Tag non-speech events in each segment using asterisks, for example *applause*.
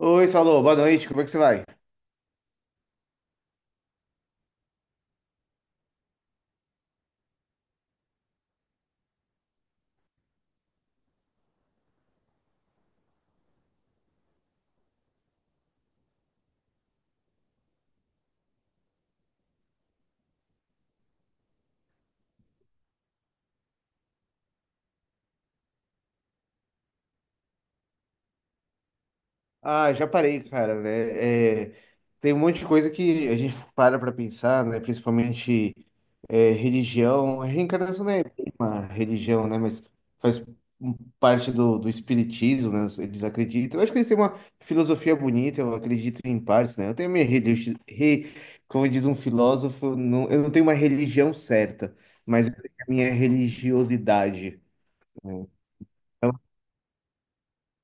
Oi, Saulo, boa noite, como é que você vai? Ah, já parei, cara, né? É, tem um monte de coisa que a gente para pra pensar, né? Principalmente religião. Reencarnação não é bem uma religião, né? Mas faz um- parte do espiritismo, né? Eles acreditam. Eu acho que eles têm uma filosofia bonita, eu acredito em partes, né? Eu tenho a minha religião. Como diz um filósofo, não, eu não tenho uma religião certa, mas eu tenho a minha religiosidade. Né? Então,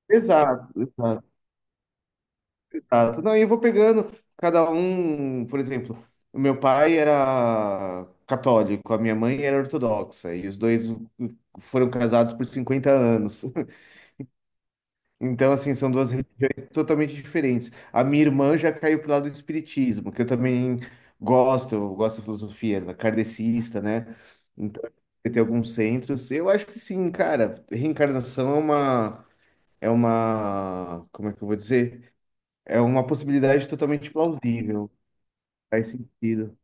Exato, exato. Exato. Não, e eu vou pegando cada um, por exemplo, o meu pai era católico, a minha mãe era ortodoxa, e os dois foram casados por 50 anos. *laughs* Então, assim, são duas religiões totalmente diferentes. A minha irmã já caiu pro lado do espiritismo, que eu também gosto, eu gosto da filosofia da kardecista, né? Então, tem alguns centros. Eu acho que sim, cara, reencarnação é uma, como é que eu vou dizer? É uma possibilidade totalmente plausível. Faz sentido.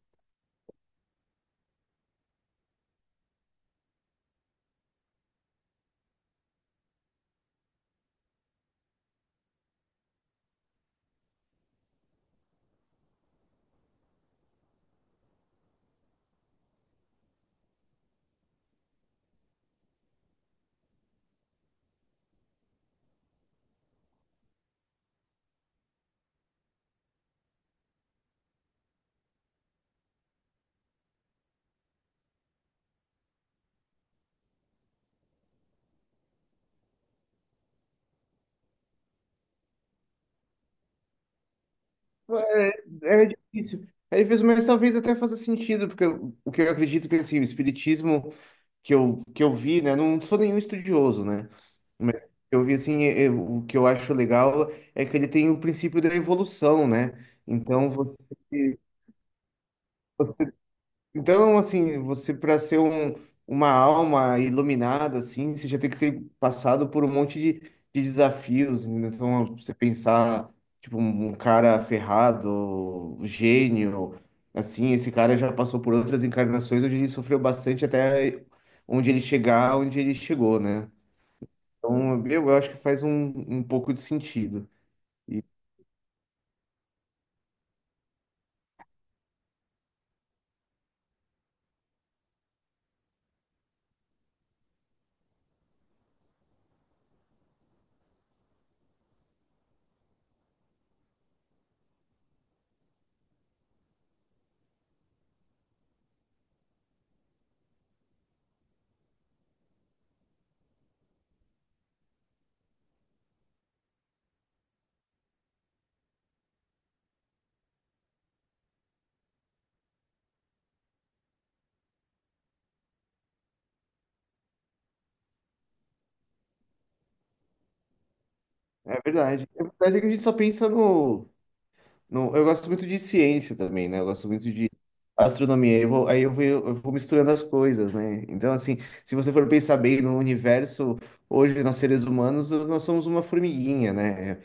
É, é difícil. Aí vezes, mas talvez até faça sentido, porque o que eu acredito que assim, o espiritismo que eu vi, né? Não sou nenhum estudioso, né? Mas eu vi assim, o que eu acho legal é que ele tem o princípio da evolução, né? Então você, Então, assim, você para ser um, uma alma iluminada, assim, você já tem que ter passado por um monte de desafios. Né? Então, você pensar, tipo, um cara ferrado, um gênio, assim, esse cara já passou por outras encarnações onde ele sofreu bastante até onde ele chegou, né? Então, eu acho que faz um pouco de sentido. E é verdade. É verdade que a gente só pensa no. Não, eu gosto muito de ciência também, né? Eu gosto muito de astronomia. Eu vou, aí eu vou misturando as coisas, né? Então, assim, se você for pensar bem no universo, hoje nós seres humanos, nós somos uma formiguinha, né?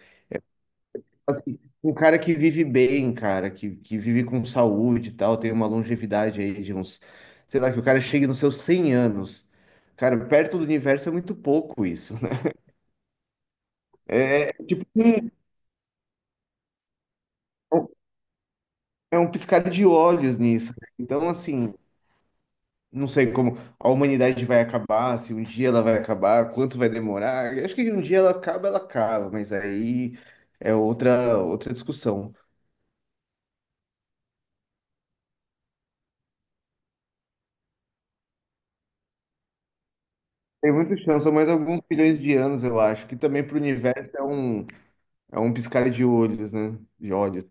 Assim, um cara que vive bem, cara, que vive com saúde e tal, tem uma longevidade aí de uns, sei lá, que o cara chegue nos seus 100 anos. Cara, perto do universo é muito pouco isso, né? É é um piscar de olhos nisso. Né? Então, assim. Não sei como a humanidade vai acabar, se um dia ela vai acabar, quanto vai demorar. Eu acho que um dia ela acaba, mas aí é outra discussão. Tem muita chance, são mais alguns bilhões de anos, eu acho, que também para o universo é um, piscar de olhos, né? De olhos.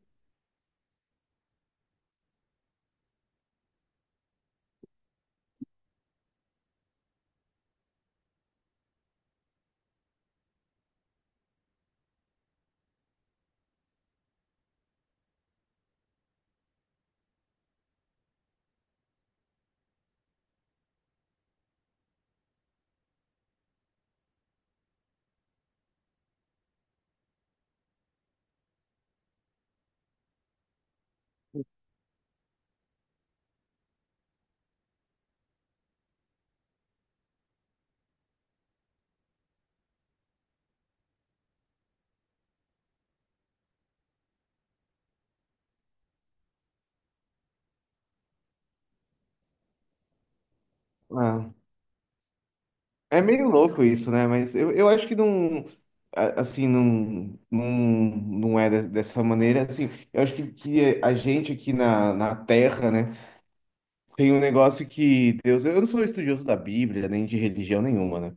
Ah, é meio louco isso, né? Mas eu acho que não. Assim, não, não, não é dessa maneira. Assim, eu acho que a gente aqui na Terra, né? Tem um negócio que Deus. Eu não sou estudioso da Bíblia, nem de religião nenhuma, né?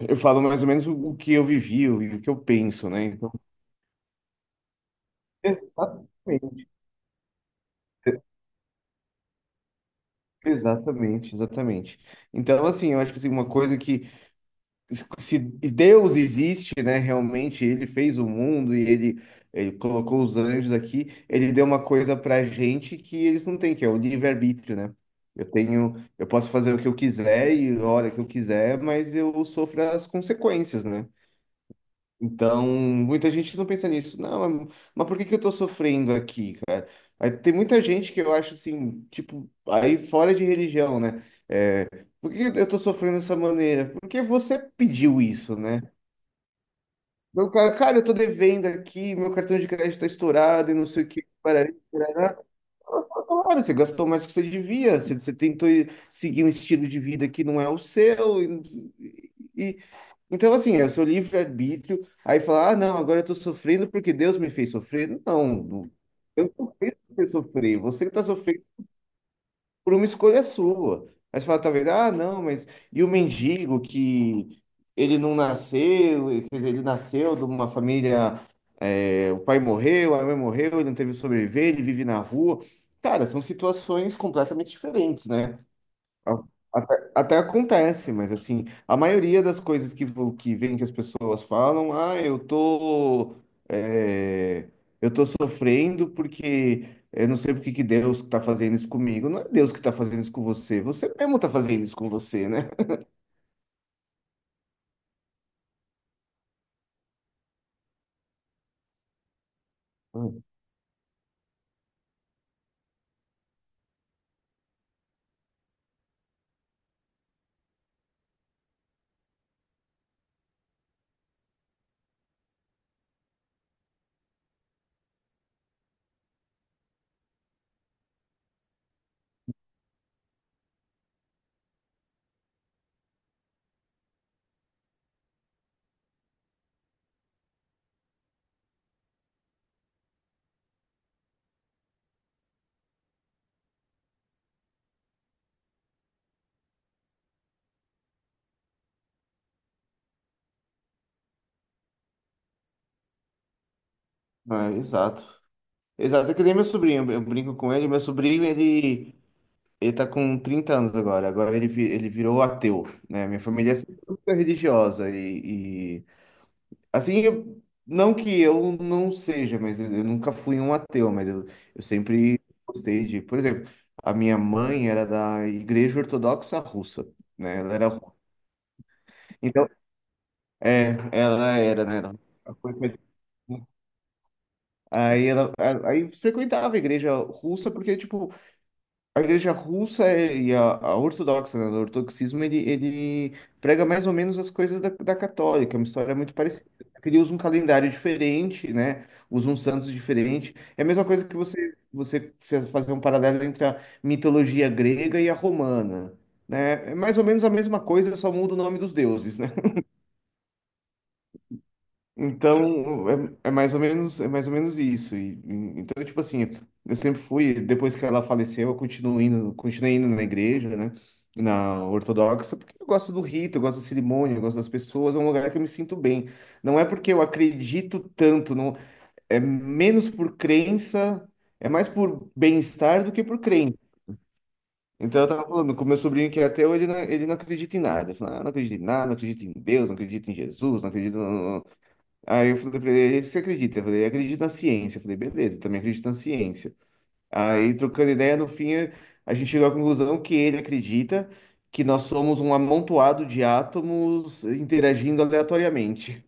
Eu falo mais ou menos o que eu vivi, o que eu penso, né? Então, exatamente, exatamente, exatamente. Então, assim, eu acho que assim, uma coisa que. Se Deus existe, né? Realmente, ele fez o mundo e ele colocou os anjos aqui, ele deu uma coisa pra gente que eles não têm, que é o livre-arbítrio, né? Eu posso fazer o que eu quiser e a hora que eu quiser, mas eu sofro as consequências, né? Então, muita gente não pensa nisso. Não, mas por que que eu tô sofrendo aqui, cara? Aí tem muita gente que eu acho assim, tipo, aí fora de religião, né? Por que eu tô sofrendo dessa maneira? Porque você pediu isso, né? Meu cara, cara, eu tô devendo aqui, meu cartão de crédito tá estourado e não sei o que, parará, parará. Claro, você gastou mais do que você devia, você tentou seguir um estilo de vida que não é o seu, e, então, assim, é o seu livre-arbítrio. Aí falar, ah, não, agora eu tô sofrendo porque Deus me fez sofrer. Não, eu não fiz você sofrer. Você que tá sofrendo por uma escolha sua. Aí você fala, tá vendo? Ah, não, mas. E o mendigo que ele não nasceu, quer dizer, ele nasceu de uma família, é, o pai morreu, a mãe morreu, ele não teve sobreviver, ele vive na rua. Cara, são situações completamente diferentes, né? A- até acontece, mas assim, a maioria das coisas que vem que as pessoas falam, ah, é, eu tô sofrendo porque eu não sei porque que Deus está fazendo isso comigo. Não é Deus que está fazendo isso com você, você mesmo está fazendo isso com você, né? Hum. Ah, exato. Exato, é que nem meu sobrinho, eu brinco com ele, meu sobrinho, ele tá com 30 anos agora, ele virou ateu, né? Minha família é sempre muito religiosa. Assim, não que eu não seja, mas eu nunca fui um ateu, mas eu sempre gostei de. Por exemplo, a minha mãe era da Igreja Ortodoxa Russa, né? Ela era. Então, ela era, né? Aí ela aí frequentava a igreja russa porque, tipo, a igreja russa e a ortodoxa, né? O ortodoxismo, ele prega mais ou menos as coisas da católica, é uma história muito parecida. Só que ele usa um calendário diferente, né? Usa um santos diferente. É a mesma coisa que você fazer um paralelo entre a mitologia grega e a romana, né? É mais ou menos a mesma coisa, só muda o nome dos deuses, né? Então, é, é mais ou menos, é mais ou menos isso. E então, tipo assim, eu sempre fui, depois que ela faleceu, continuei indo na igreja, né? Na ortodoxa, porque eu gosto do rito, eu gosto da cerimônia, eu gosto das pessoas, é um lugar que eu me sinto bem. Não é porque eu acredito tanto, não, é menos por crença, é mais por bem-estar do que por crença. Então, eu tava falando com meu sobrinho que é ateu, ele não acredita em nada. Eu falo, ah, não acredito em nada, não acredito em Deus, não acredito em Jesus, não acredito. Aí eu falei pra ele, você acredita? Eu falei, acredito na ciência. Eu falei, beleza, eu também acredito na ciência. Aí, trocando ideia, no fim, a gente chegou à conclusão que ele acredita que nós somos um amontoado de átomos interagindo aleatoriamente.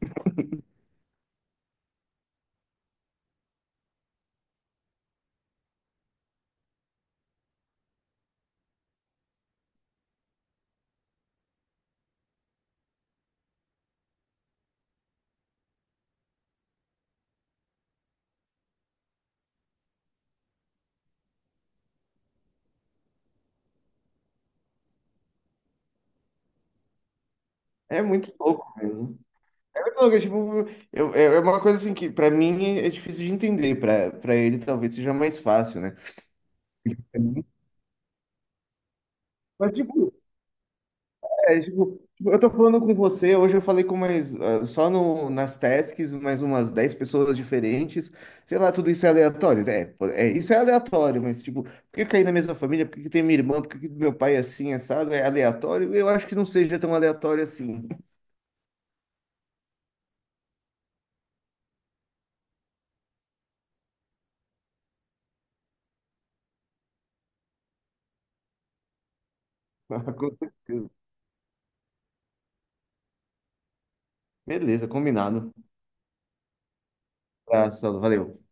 É muito louco mesmo. É muito louco, é, tipo, é uma coisa assim que pra mim é difícil de entender, pra para ele talvez seja mais fácil, né? Mas tipo, eu tô falando com você, hoje eu falei com mais, ah, só no, nas tasks, mais umas 10 pessoas diferentes, sei lá, tudo isso é aleatório, pô, isso é aleatório, mas tipo, por que cair na mesma família, por que que tem minha irmã, por que que meu pai é assim, assado, é aleatório? Eu acho que não seja tão aleatório assim. *laughs* Com certeza. Beleza, combinado. Abraço, valeu.